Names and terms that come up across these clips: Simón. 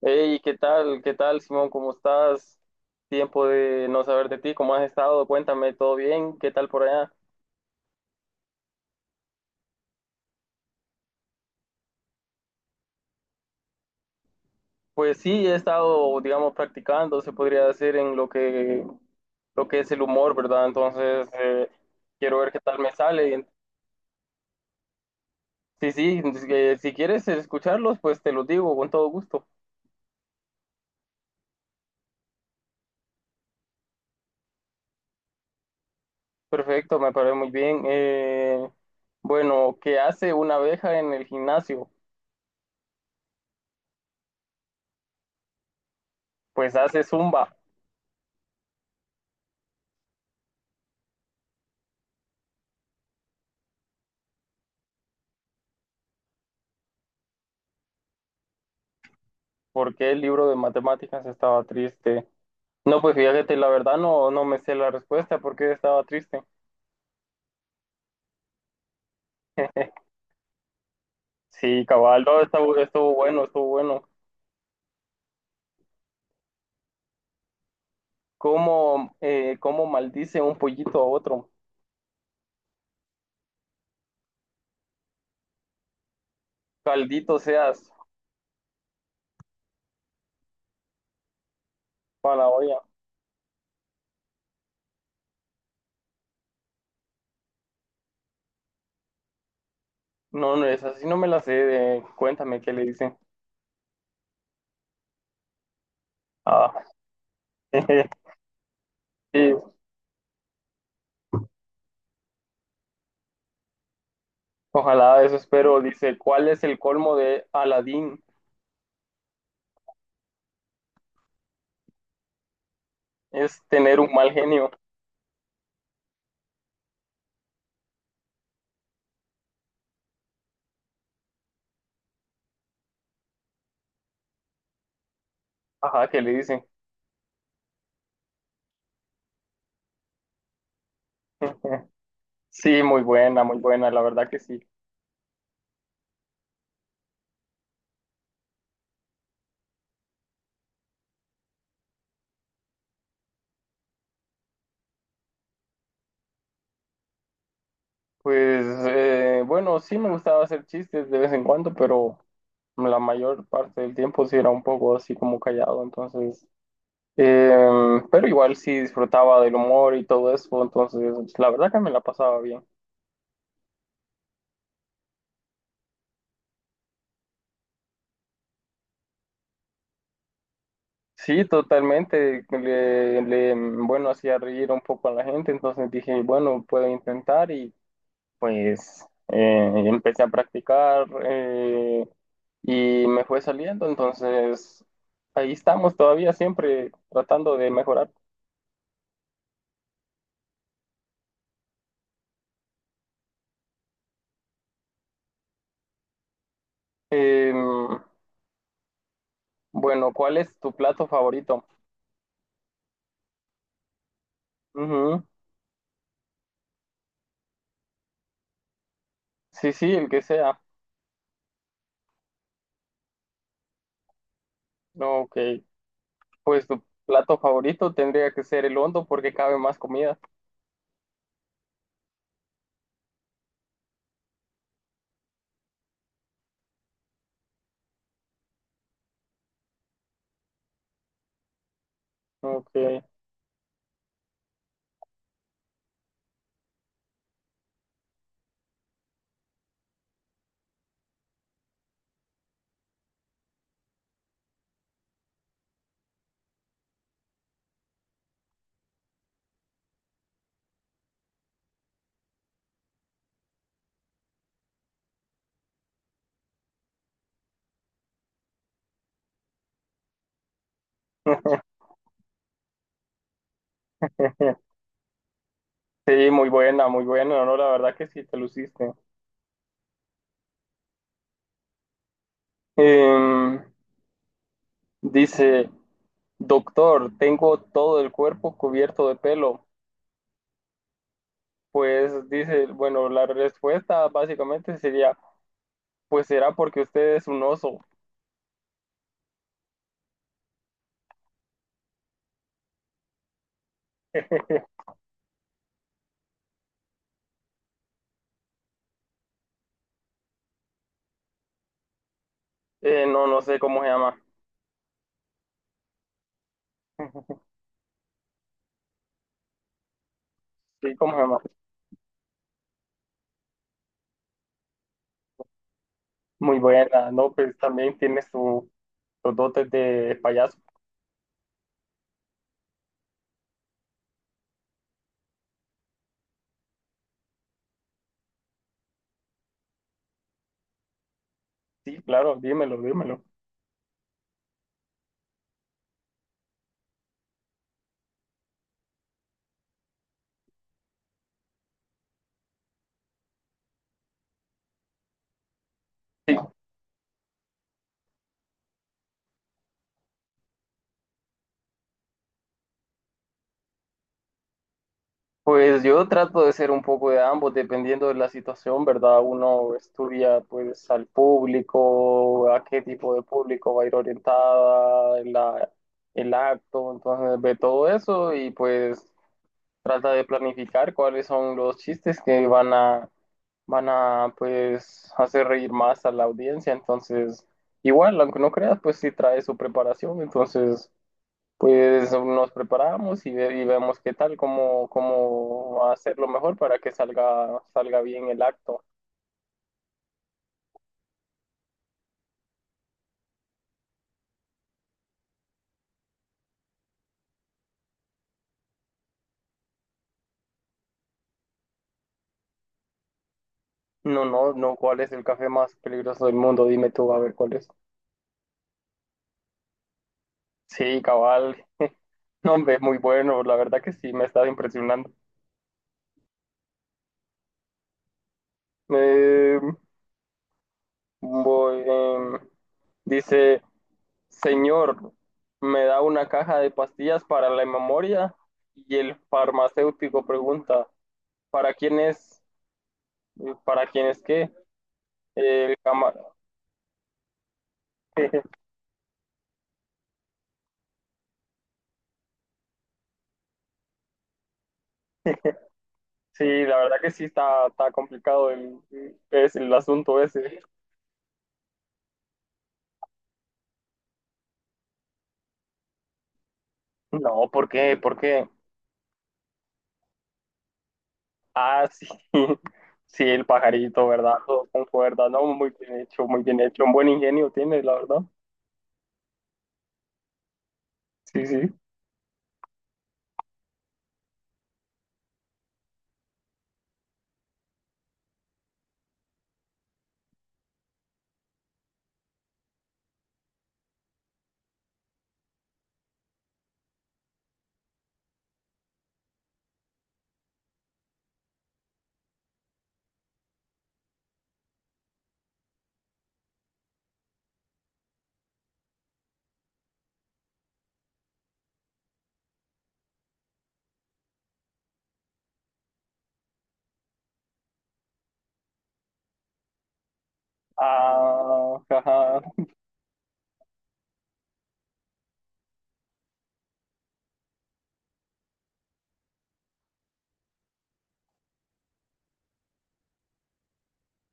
Hey, ¿qué tal? ¿Qué tal, Simón? ¿Cómo estás? Tiempo de no saber de ti. ¿Cómo has estado? Cuéntame, ¿todo bien? ¿Qué tal por allá? Pues sí, he estado, digamos, practicando, se podría decir, en lo que es el humor, ¿verdad? Entonces, quiero ver qué tal me sale. Sí, sí, si quieres escucharlos, pues te los digo con todo gusto. Perfecto, me parece muy bien. Bueno, ¿qué hace una abeja en el gimnasio? Pues hace zumba. ¿Por qué el libro de matemáticas estaba triste? No, pues fíjate, la verdad no me sé la respuesta porque estaba triste. Sí, cabal, no, estuvo bueno, estuvo bueno. ¿Cómo, cómo maldice un pollito a otro? Caldito seas para la olla. No, no es así, no me la sé. Cuéntame qué le dice. Ah, sí, ojalá eso espero. Dice, ¿cuál es el colmo de Aladín? Es tener un mal genio. Ajá, ¿qué le dice? Sí, muy buena, la verdad que sí. Pues bueno, sí me gustaba hacer chistes de vez en cuando, pero la mayor parte del tiempo sí era un poco así como callado, entonces, pero igual sí disfrutaba del humor y todo eso, entonces la verdad que me la pasaba bien. Sí, totalmente, bueno, hacía reír un poco a la gente, entonces dije, bueno, puedo intentar y pues empecé a practicar y me fue saliendo, entonces ahí estamos todavía siempre tratando de mejorar. Eh, bueno, ¿cuál es tu plato favorito? Ujú. Sí, sí, el que sea. Ok, pues tu plato favorito tendría que ser el hondo porque cabe más comida. Ok. Sí, muy buena, no, la verdad que sí, te luciste. Em, Dice, doctor, tengo todo el cuerpo cubierto de pelo. Pues dice, bueno, la respuesta básicamente sería, pues será porque usted es un oso. No, no sé cómo se llama. Sí, cómo se llama. Muy buena, ¿no? Pues también tiene su, sus dotes de payaso. Sí, claro, dímelo, dímelo. Sí, pues yo trato de ser un poco de ambos, dependiendo de la situación, ¿verdad? Uno estudia pues al público, a qué tipo de público va a ir orientada en la, el acto, entonces ve todo eso y pues trata de planificar cuáles son los chistes que van a, van a pues hacer reír más a la audiencia, entonces igual, aunque no creas, pues sí trae su preparación, entonces... Pues nos preparamos y, y vemos qué tal, cómo, cómo hacerlo mejor para que salga, salga bien el acto. No, no, no, ¿cuál es el café más peligroso del mundo? Dime tú, a ver cuál es. Sí, cabal. No, hombre, es muy bueno, la verdad que sí, me está impresionando. Eh, voy, dice, señor, me da una caja de pastillas para la memoria y el farmacéutico pregunta, ¿para quién es? ¿Para quién es qué? El cama- Sí, la verdad que sí está complicado el, es el asunto ese. No, ¿por qué? ¿Por qué? Ah, sí. Sí, el pajarito, ¿verdad? Todo con cuerda, ¿no? Muy bien hecho, muy bien hecho. Un buen ingenio tiene, la verdad. Sí, sí. Ah, ajá.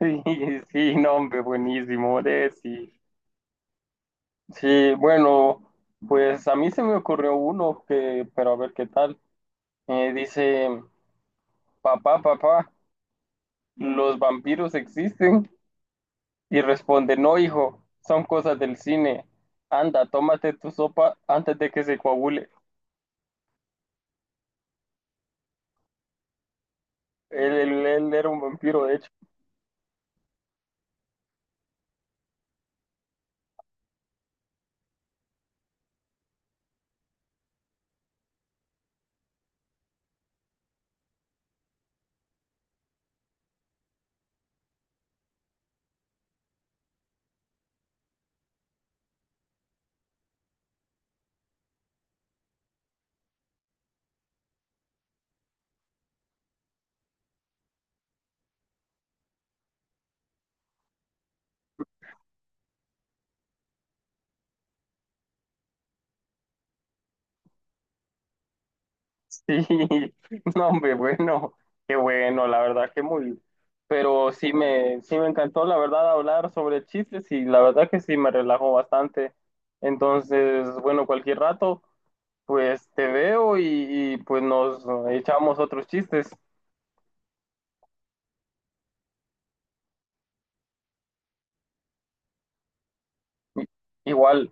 Sí, sí, no, hombre, buenísimo, hombre, sí. Sí, bueno, pues a mí se me ocurrió uno que, pero a ver qué tal. Dice, papá, papá, ¿los vampiros existen? Y responde, no, hijo, son cosas del cine. Anda, tómate tu sopa antes de que se coagule. Él era un vampiro, de hecho. Sí, no, hombre, bueno, qué bueno, la verdad, que muy... Pero sí me encantó, la verdad, hablar sobre chistes y la verdad que sí me relajó bastante. Entonces, bueno, cualquier rato, pues te veo y, pues nos echamos otros chistes. I- Igual.